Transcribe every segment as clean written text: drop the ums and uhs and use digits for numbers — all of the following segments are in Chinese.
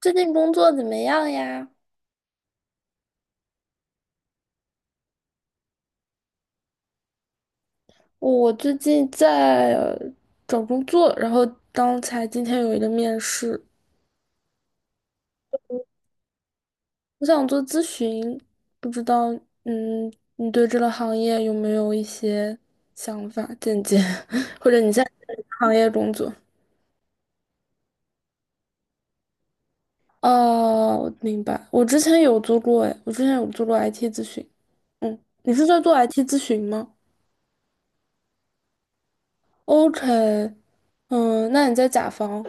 最近工作怎么样呀？我最近在找工作，然后刚才今天有一个面试，我想做咨询，不知道。嗯，你对这个行业有没有一些想法、见解，或者你现在在哪个行业工作？哦，我明白。我之前有做过 IT 咨询。嗯，你是在做 IT 咨询吗？OK，嗯，那你在甲方？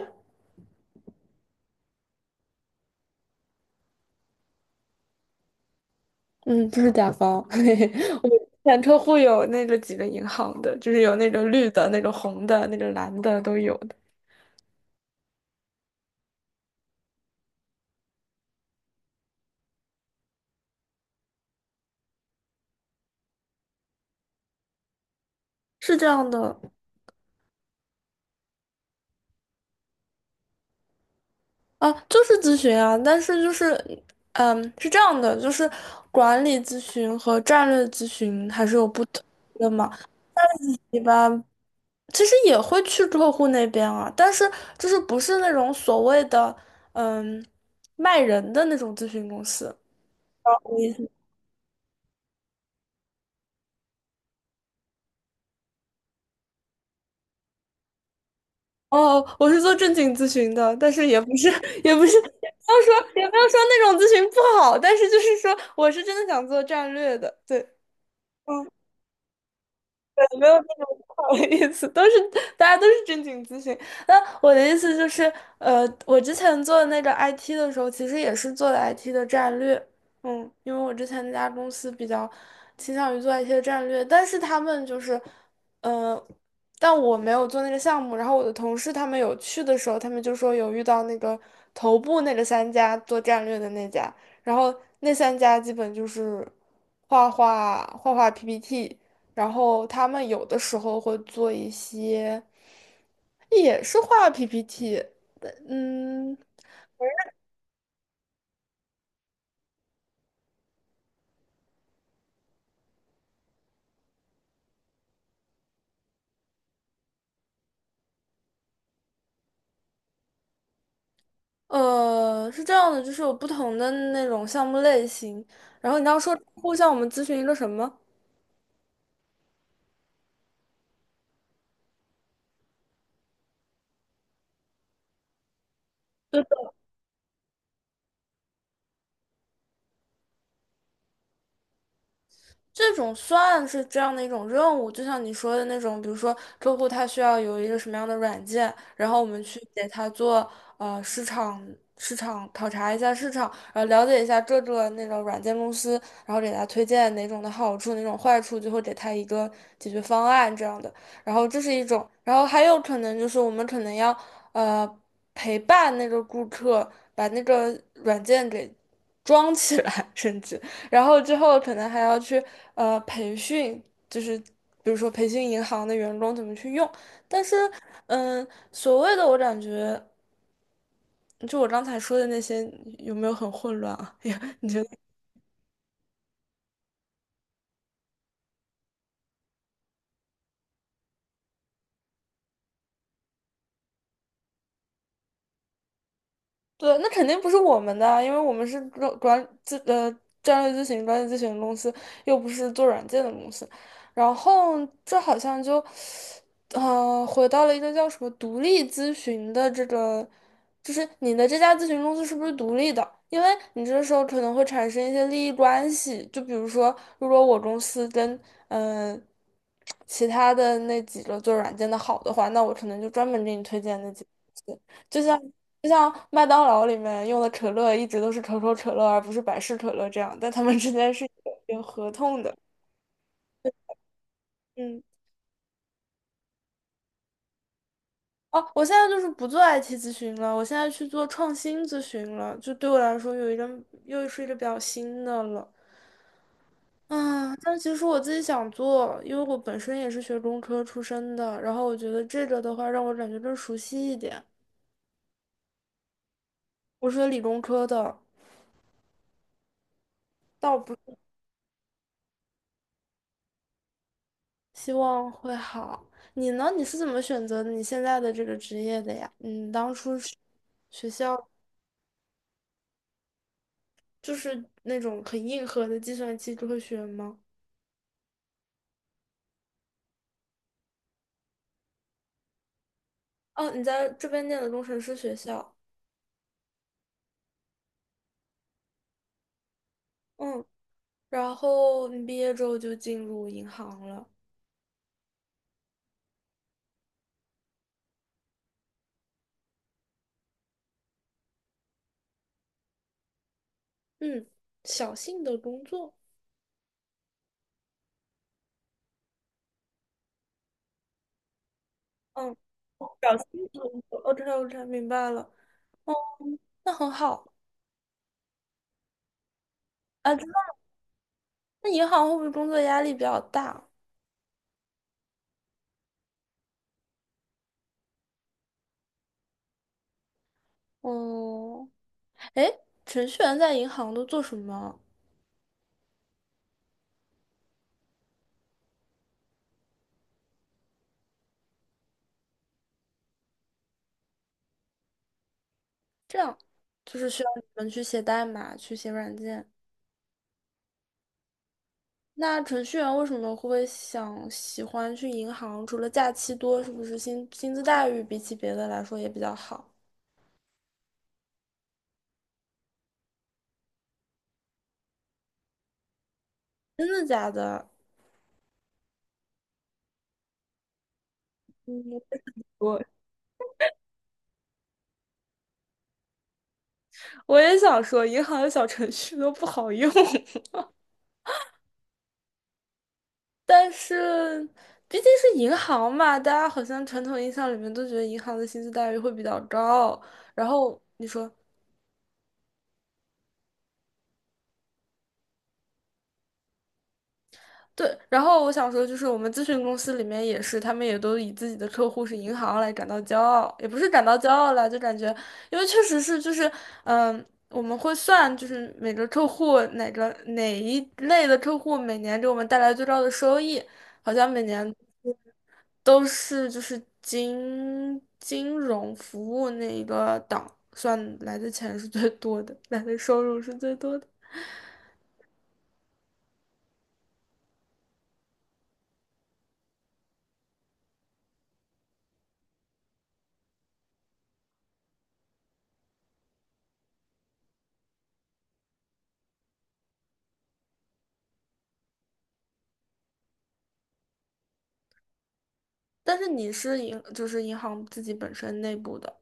嗯，不是甲方，嘿嘿，我们前客户有那个几个银行的，就是有那个绿的、那个红的、那个蓝的都有的，是这样的啊，就是咨询啊，但是就是，嗯，是这样的，就是管理咨询和战略咨询还是有不同的嘛，一般其实也会去客户那边啊，但是就是不是那种所谓的嗯卖人的那种咨询公司，哦，我是做正经咨询的，但是也不是，也不是，也不要说，也不要说那种咨询不好，但是就是说，我是真的想做战略的，对，嗯，对，没有那种不好的意思，大家都是正经咨询。那我的意思就是，我之前做那个 IT 的时候，其实也是做的 IT 的战略，嗯，因为我之前那家公司比较倾向于做 IT 的战略，但是他们就是，呃，但我没有做那个项目，然后我的同事他们有去的时候，他们就说有遇到那个头部那个三家做战略的那家，然后那三家基本就是画画 PPT。然后他们有的时候会做一些，也是画 PPT，嗯是这样的，就是有不同的那种项目类型。然后你刚刚说户项我们咨询一个什么？这种算是这样的一种任务，就像你说的那种，比如说客户他需要有一个什么样的软件，然后我们去给他做呃市场市场考察一下市场，然后了解一下各个那种软件公司，然后给他推荐哪种的好处，哪种坏处，最后给他一个解决方案这样的。然后这是一种，然后还有可能就是我们可能要呃陪伴那个顾客把那个软件给装起来，甚至。然后之后可能还要去培训，就是比如说培训银行的员工怎么去用。但是，嗯，所谓的我感觉，就我刚才说的那些，有没有很混乱啊？对，那肯定不是我们的啊因为我们是专管战略咨询、专业咨询的公司，又不是做软件的公司。然后这好像就，回到了一个叫什么独立咨询的这个，就是你的这家咨询公司是不是独立的？因为你这时候可能会产生一些利益关系，就比如说，如果我公司跟嗯、呃其他的那几个做软件的好的话，那我可能就专门给你推荐那几个公司。就像就像麦当劳里面用的可乐一直都是可口可乐，而不是百事可乐这样，但他们之间是有合同的。嗯，哦，我现在就是不做 IT 咨询了，我现在去做创新咨询了，就对我来说有一个又是一个比较新的了。啊，但其实我自己想做，因为我本身也是学工科出身的，然后我觉得这个的话让我感觉更熟悉一点。我是学理工科的，倒不。希望会好。你呢？你是怎么选择你现在的这个职业的呀？嗯，当初是学校就是那种很硬核的计算机科学吗？哦，你在这边念的工程师学校，嗯，然后你毕业之后就进入银行了，嗯，小信的工作，嗯，哦小信的工作哦，k 我才明白了，哦，那很好。啊，知道那银行会不会工作压力比较大？哦，哎，程序员在银行都做什么？这样就是需要你们去写代码，去写软件。那程序员为什么会想喜欢去银行？除了假期多，是不是薪资待遇比起别的来说也比较好？真的假的？嗯，我我也想说，银行的小程序都不好用，但是毕竟是银行嘛，大家好像传统印象里面都觉得银行的薪资待遇会比较高。然后你说。对，然后我想说，就是我们咨询公司里面也是，他们也都以自己的客户是银行来感到骄傲，也不是感到骄傲啦，就感觉，因为确实是就是，嗯，我们会算，就是每个客户哪一类的客户每年给我们带来最高的收益，好像每年都是就是金融服务那一个档算来的钱是最多的，来的收入是最多的。但是你是银，就是银行自己本身内部的。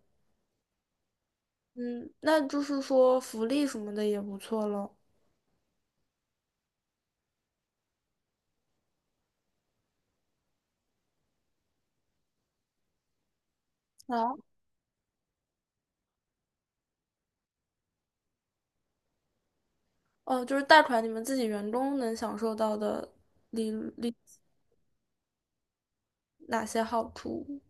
嗯，那就是说福利什么的也不错咯。啊，哦，就是贷款你们自己员工能享受到的利利哪些好处？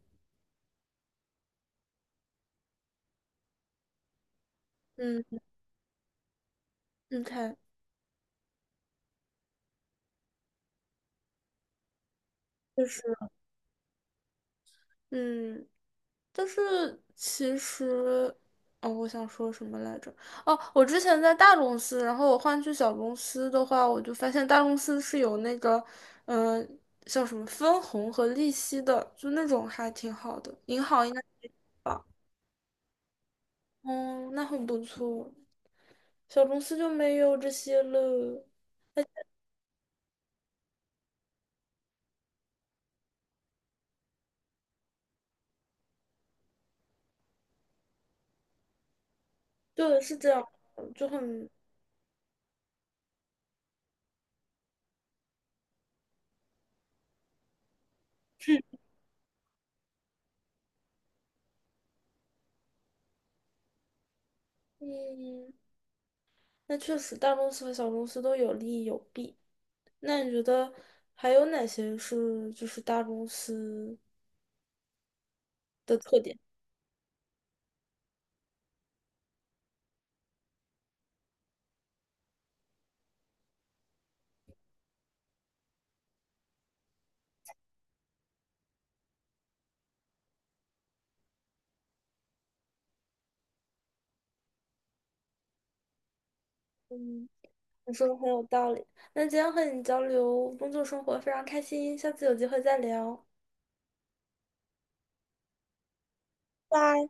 嗯你看，就是嗯，但是其实，哦，我想说什么来着？哦，我之前在大公司，然后我换去小公司的话，我就发现大公司是有那个，嗯、叫什么分红和利息的，就那种还挺好的。银行应该，哦，那很不错。小公司就没有这些了。对，是这样的就很，嗯，那确实大公司和小公司都有利有弊。那你觉得还有哪些是就是大公司的特点？嗯，你说的很有道理。那今天和你交流工作生活非常开心，下次有机会再聊，拜。